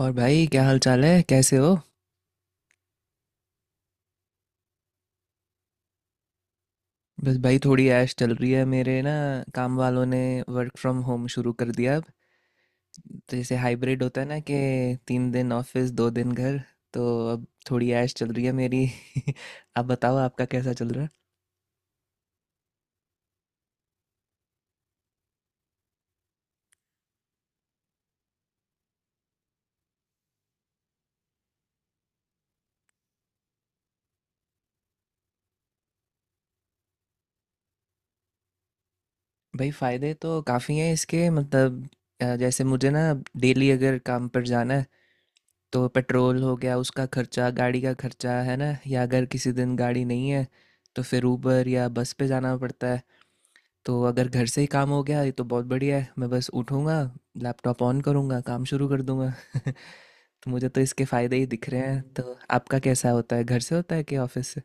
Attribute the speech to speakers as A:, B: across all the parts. A: और भाई, क्या हाल चाल है? कैसे हो? बस भाई, थोड़ी ऐश चल रही है मेरे ना। काम वालों ने वर्क फ्रॉम होम शुरू कर दिया अब। तो जैसे हाइब्रिड होता है ना कि 3 दिन ऑफिस 2 दिन घर तो अब थोड़ी ऐश चल रही है मेरी। आप बताओ, आपका कैसा चल रहा है? भाई, फ़ायदे तो काफ़ी हैं इसके। मतलब जैसे मुझे ना डेली अगर काम पर जाना है तो पेट्रोल हो गया, उसका खर्चा, गाड़ी का खर्चा, है ना। या अगर किसी दिन गाड़ी नहीं है तो फिर ऊबर या बस पे जाना पड़ता है। तो अगर घर से ही काम हो गया, ये तो बहुत बढ़िया है। मैं बस उठूँगा, लैपटॉप ऑन करूँगा, काम शुरू कर दूँगा। तो मुझे तो इसके फ़ायदे ही दिख रहे हैं। तो आपका कैसा होता है? घर से होता है कि ऑफिस से?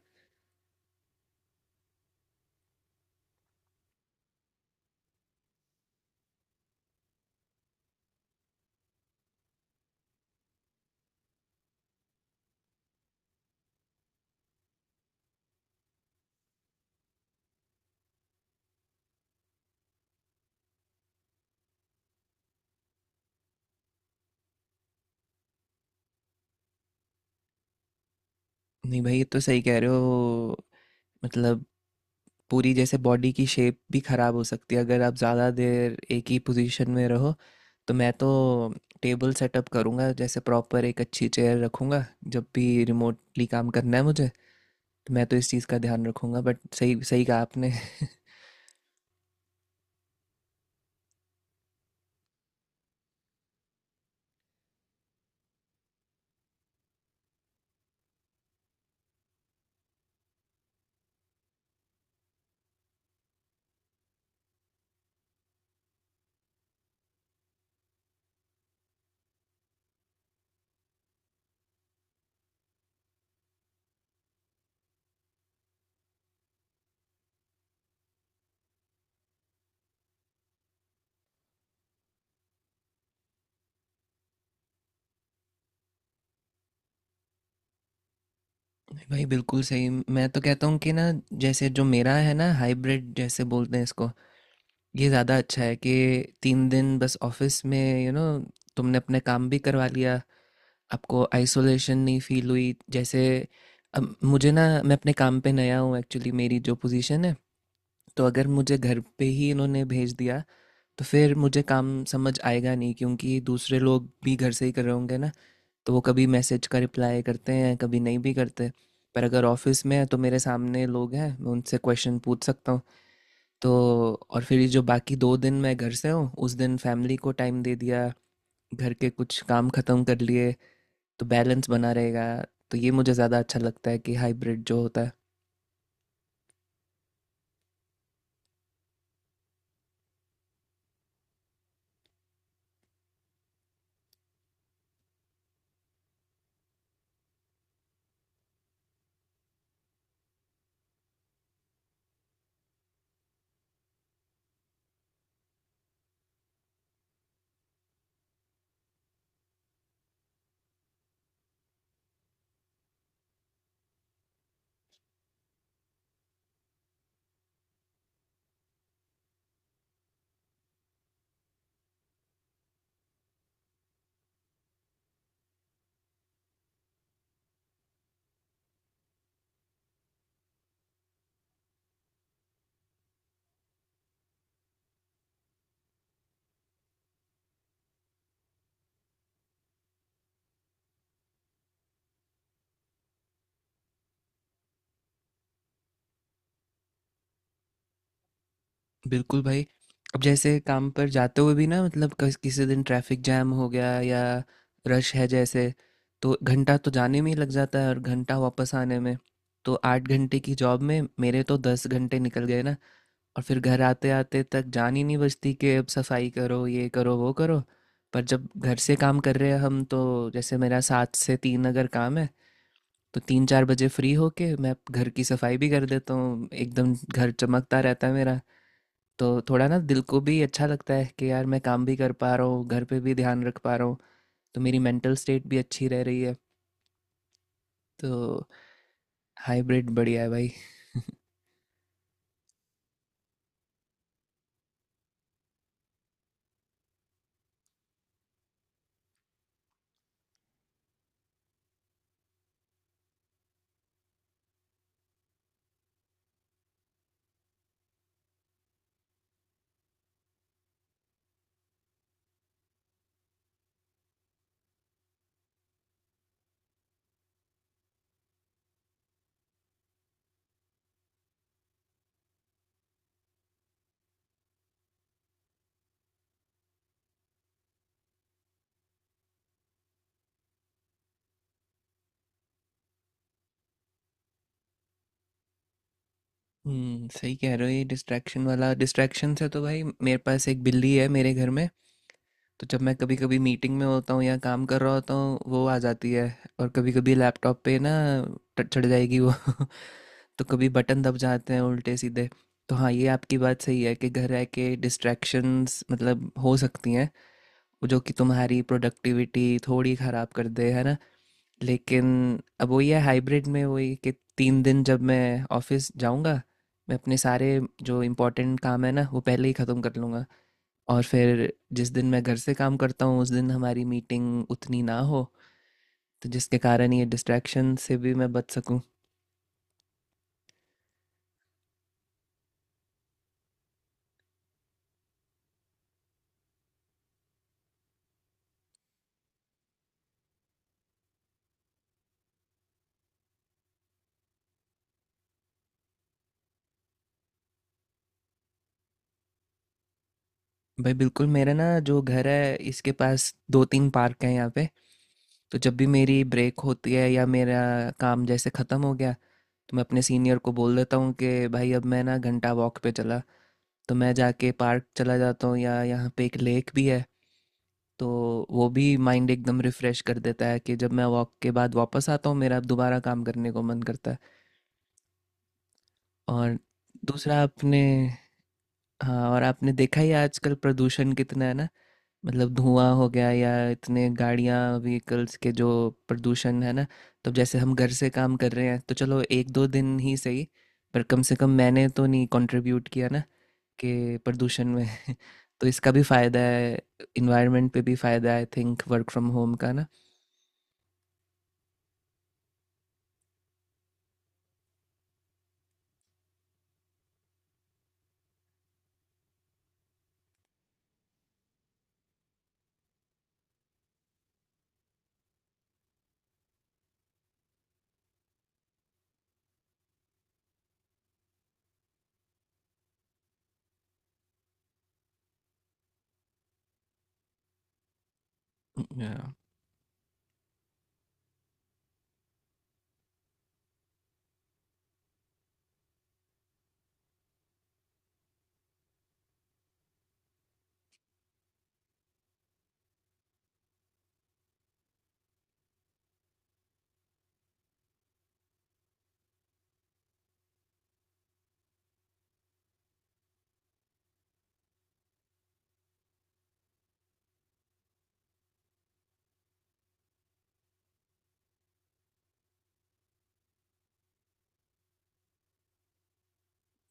A: नहीं भाई, ये तो सही कह रहे हो। मतलब पूरी जैसे बॉडी की शेप भी ख़राब हो सकती है अगर आप ज़्यादा देर एक ही पोजीशन में रहो। तो मैं तो टेबल सेटअप करूँगा, जैसे प्रॉपर एक अच्छी चेयर रखूँगा, जब भी रिमोटली काम करना है मुझे। तो मैं तो इस चीज़ का ध्यान रखूँगा, बट सही सही कहा आपने। नहीं भाई, बिल्कुल सही। मैं तो कहता हूँ कि ना, जैसे जो मेरा है ना हाइब्रिड जैसे बोलते हैं इसको, ये ज़्यादा अच्छा है कि तीन दिन बस ऑफिस में, यू you नो तुमने अपने काम भी करवा लिया, आपको आइसोलेशन नहीं फील हुई। जैसे अब मुझे ना, मैं अपने काम पे नया हूँ एक्चुअली। मेरी जो पोजीशन है, तो अगर मुझे घर पे ही इन्होंने भेज दिया, तो फिर मुझे काम समझ आएगा नहीं, क्योंकि दूसरे लोग भी घर से ही कर रहे होंगे ना। तो वो कभी मैसेज का रिप्लाई करते हैं, कभी नहीं भी करते। पर अगर ऑफिस में है तो मेरे सामने लोग हैं, मैं उनसे क्वेश्चन पूछ सकता हूँ। तो और फिर ये जो बाकी दो दिन मैं घर से हूँ, उस दिन फैमिली को टाइम दे दिया, घर के कुछ काम ख़त्म कर लिए, तो बैलेंस बना रहेगा। तो ये मुझे ज़्यादा अच्छा लगता है कि हाइब्रिड जो होता है। बिल्कुल भाई। अब जैसे काम पर जाते हुए भी ना, मतलब किसी दिन ट्रैफिक जैम हो गया या रश है जैसे, तो घंटा तो जाने में ही लग जाता है और घंटा वापस आने में। तो 8 घंटे की जॉब में मेरे तो 10 घंटे निकल गए ना। और फिर घर आते आते तक जान ही नहीं बचती कि अब सफाई करो, ये करो, वो करो। पर जब घर से काम कर रहे हैं हम, तो जैसे मेरा सात से तीन अगर काम है, तो तीन चार बजे फ्री होके मैं घर की सफाई भी कर देता हूँ। एकदम घर चमकता रहता है मेरा। तो थोड़ा ना दिल को भी अच्छा लगता है कि यार, मैं काम भी कर पा रहा हूँ, घर पे भी ध्यान रख पा रहा हूँ। तो मेरी मेंटल स्टेट भी अच्छी रह रही है। तो हाइब्रिड बढ़िया है भाई। सही कह रहे हो। ये डिस्ट्रैक्शन वाला, डिस्ट्रैक्शन से तो भाई, मेरे पास एक बिल्ली है मेरे घर में। तो जब मैं कभी कभी मीटिंग में होता हूँ या काम कर रहा होता हूँ, वो आ जाती है। और कभी कभी लैपटॉप पे ना चढ़ जाएगी वो। तो कभी बटन दब जाते हैं उल्टे सीधे। तो हाँ, ये आपकी बात सही है कि घर रह के डिस्ट्रैक्शंस मतलब हो सकती हैं, जो कि तुम्हारी प्रोडक्टिविटी थोड़ी ख़राब कर दे, है ना? लेकिन अब वही है हाइब्रिड में, वही कि 3 दिन जब मैं ऑफिस जाऊंगा, मैं अपने सारे जो इम्पोर्टेंट काम है ना वो पहले ही ख़त्म कर लूँगा। और फिर जिस दिन मैं घर से काम करता हूँ, उस दिन हमारी मीटिंग उतनी ना हो, तो जिसके कारण ये डिस्ट्रैक्शन से भी मैं बच सकूँ। भाई बिल्कुल। मेरा ना जो घर है, इसके पास दो तीन पार्क हैं यहाँ पे। तो जब भी मेरी ब्रेक होती है या मेरा काम जैसे ख़त्म हो गया, तो मैं अपने सीनियर को बोल देता हूँ कि भाई अब मैं ना घंटा वॉक पे चला। तो मैं जाके पार्क चला जाता हूँ, या यहाँ पे एक लेक भी है। तो वो भी माइंड एकदम रिफ़्रेश कर देता है, कि जब मैं वॉक के बाद वापस आता हूँ, मेरा दोबारा काम करने को मन करता है। और दूसरा आपने, हाँ, और आपने देखा ही है आजकल प्रदूषण कितना है ना। मतलब धुआं हो गया, या इतने गाड़ियाँ, व्हीकल्स के जो प्रदूषण है ना, तो जैसे हम घर से काम कर रहे हैं तो चलो एक दो दिन ही सही, पर कम से कम मैंने तो नहीं कंट्रीब्यूट किया ना, के प्रदूषण में। तो इसका भी फायदा है। इन्वायरमेंट पे भी फायदा है I think, work from home का ना। Yeah।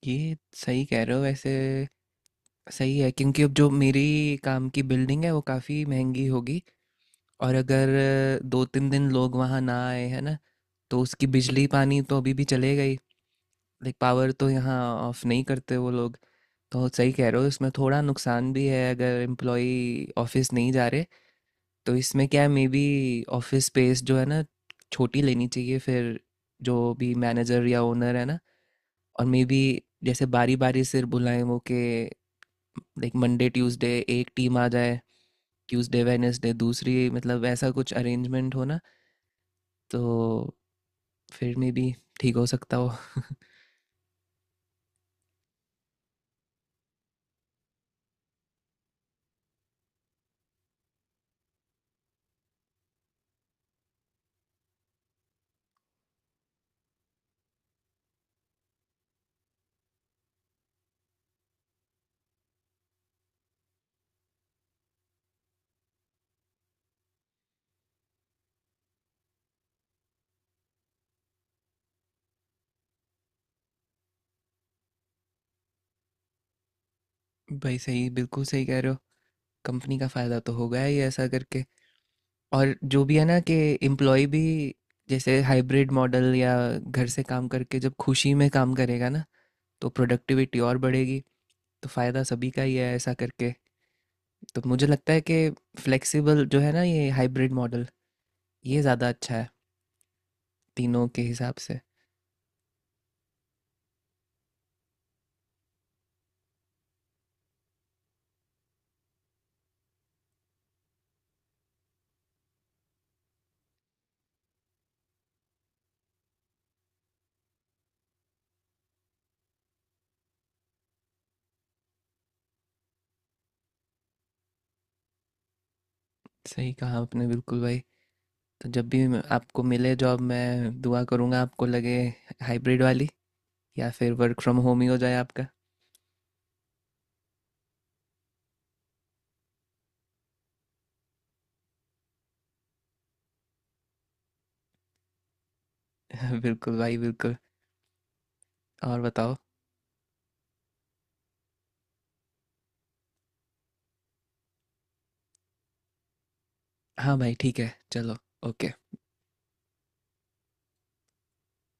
A: ये सही कह रहे हो वैसे। सही है क्योंकि अब जो मेरी काम की बिल्डिंग है वो काफ़ी महंगी होगी। और अगर दो तीन दिन लोग वहाँ ना आए, है ना, तो उसकी बिजली पानी तो अभी भी चले गई। लाइक पावर तो यहाँ ऑफ नहीं करते वो लोग। तो सही कह रहे हो, इसमें थोड़ा नुकसान भी है अगर एम्प्लॉई ऑफिस नहीं जा रहे। तो इसमें क्या है, मे बी ऑफिस स्पेस जो है ना छोटी लेनी चाहिए फिर, जो भी मैनेजर या ओनर है ना। और मे बी जैसे बारी बारी से बुलाएं वो, के लाइक मंडे ट्यूसडे एक टीम आ जाए, ट्यूसडे वेडनेसडे दूसरी, मतलब ऐसा कुछ अरेंजमेंट हो ना। तो फिर मे बी ठीक हो सकता हो। भाई सही, बिल्कुल सही कह रहे हो। कंपनी का फ़ायदा तो होगा ही ऐसा करके। और जो भी है ना, कि एम्प्लॉय भी जैसे हाइब्रिड मॉडल या घर से काम करके जब खुशी में काम करेगा ना, तो प्रोडक्टिविटी और बढ़ेगी। तो फ़ायदा सभी का ही है ऐसा करके। तो मुझे लगता है कि फ्लेक्सिबल जो है ना ये हाइब्रिड मॉडल, ये ज़्यादा अच्छा है तीनों के हिसाब से। सही कहा आपने, बिल्कुल भाई। तो जब भी आपको मिले जॉब, मैं दुआ करूँगा आपको लगे हाइब्रिड वाली, या फिर वर्क फ्रॉम होम ही हो जाए आपका। बिल्कुल भाई, बिल्कुल। और बताओ? हाँ भाई, ठीक है चलो। ओके।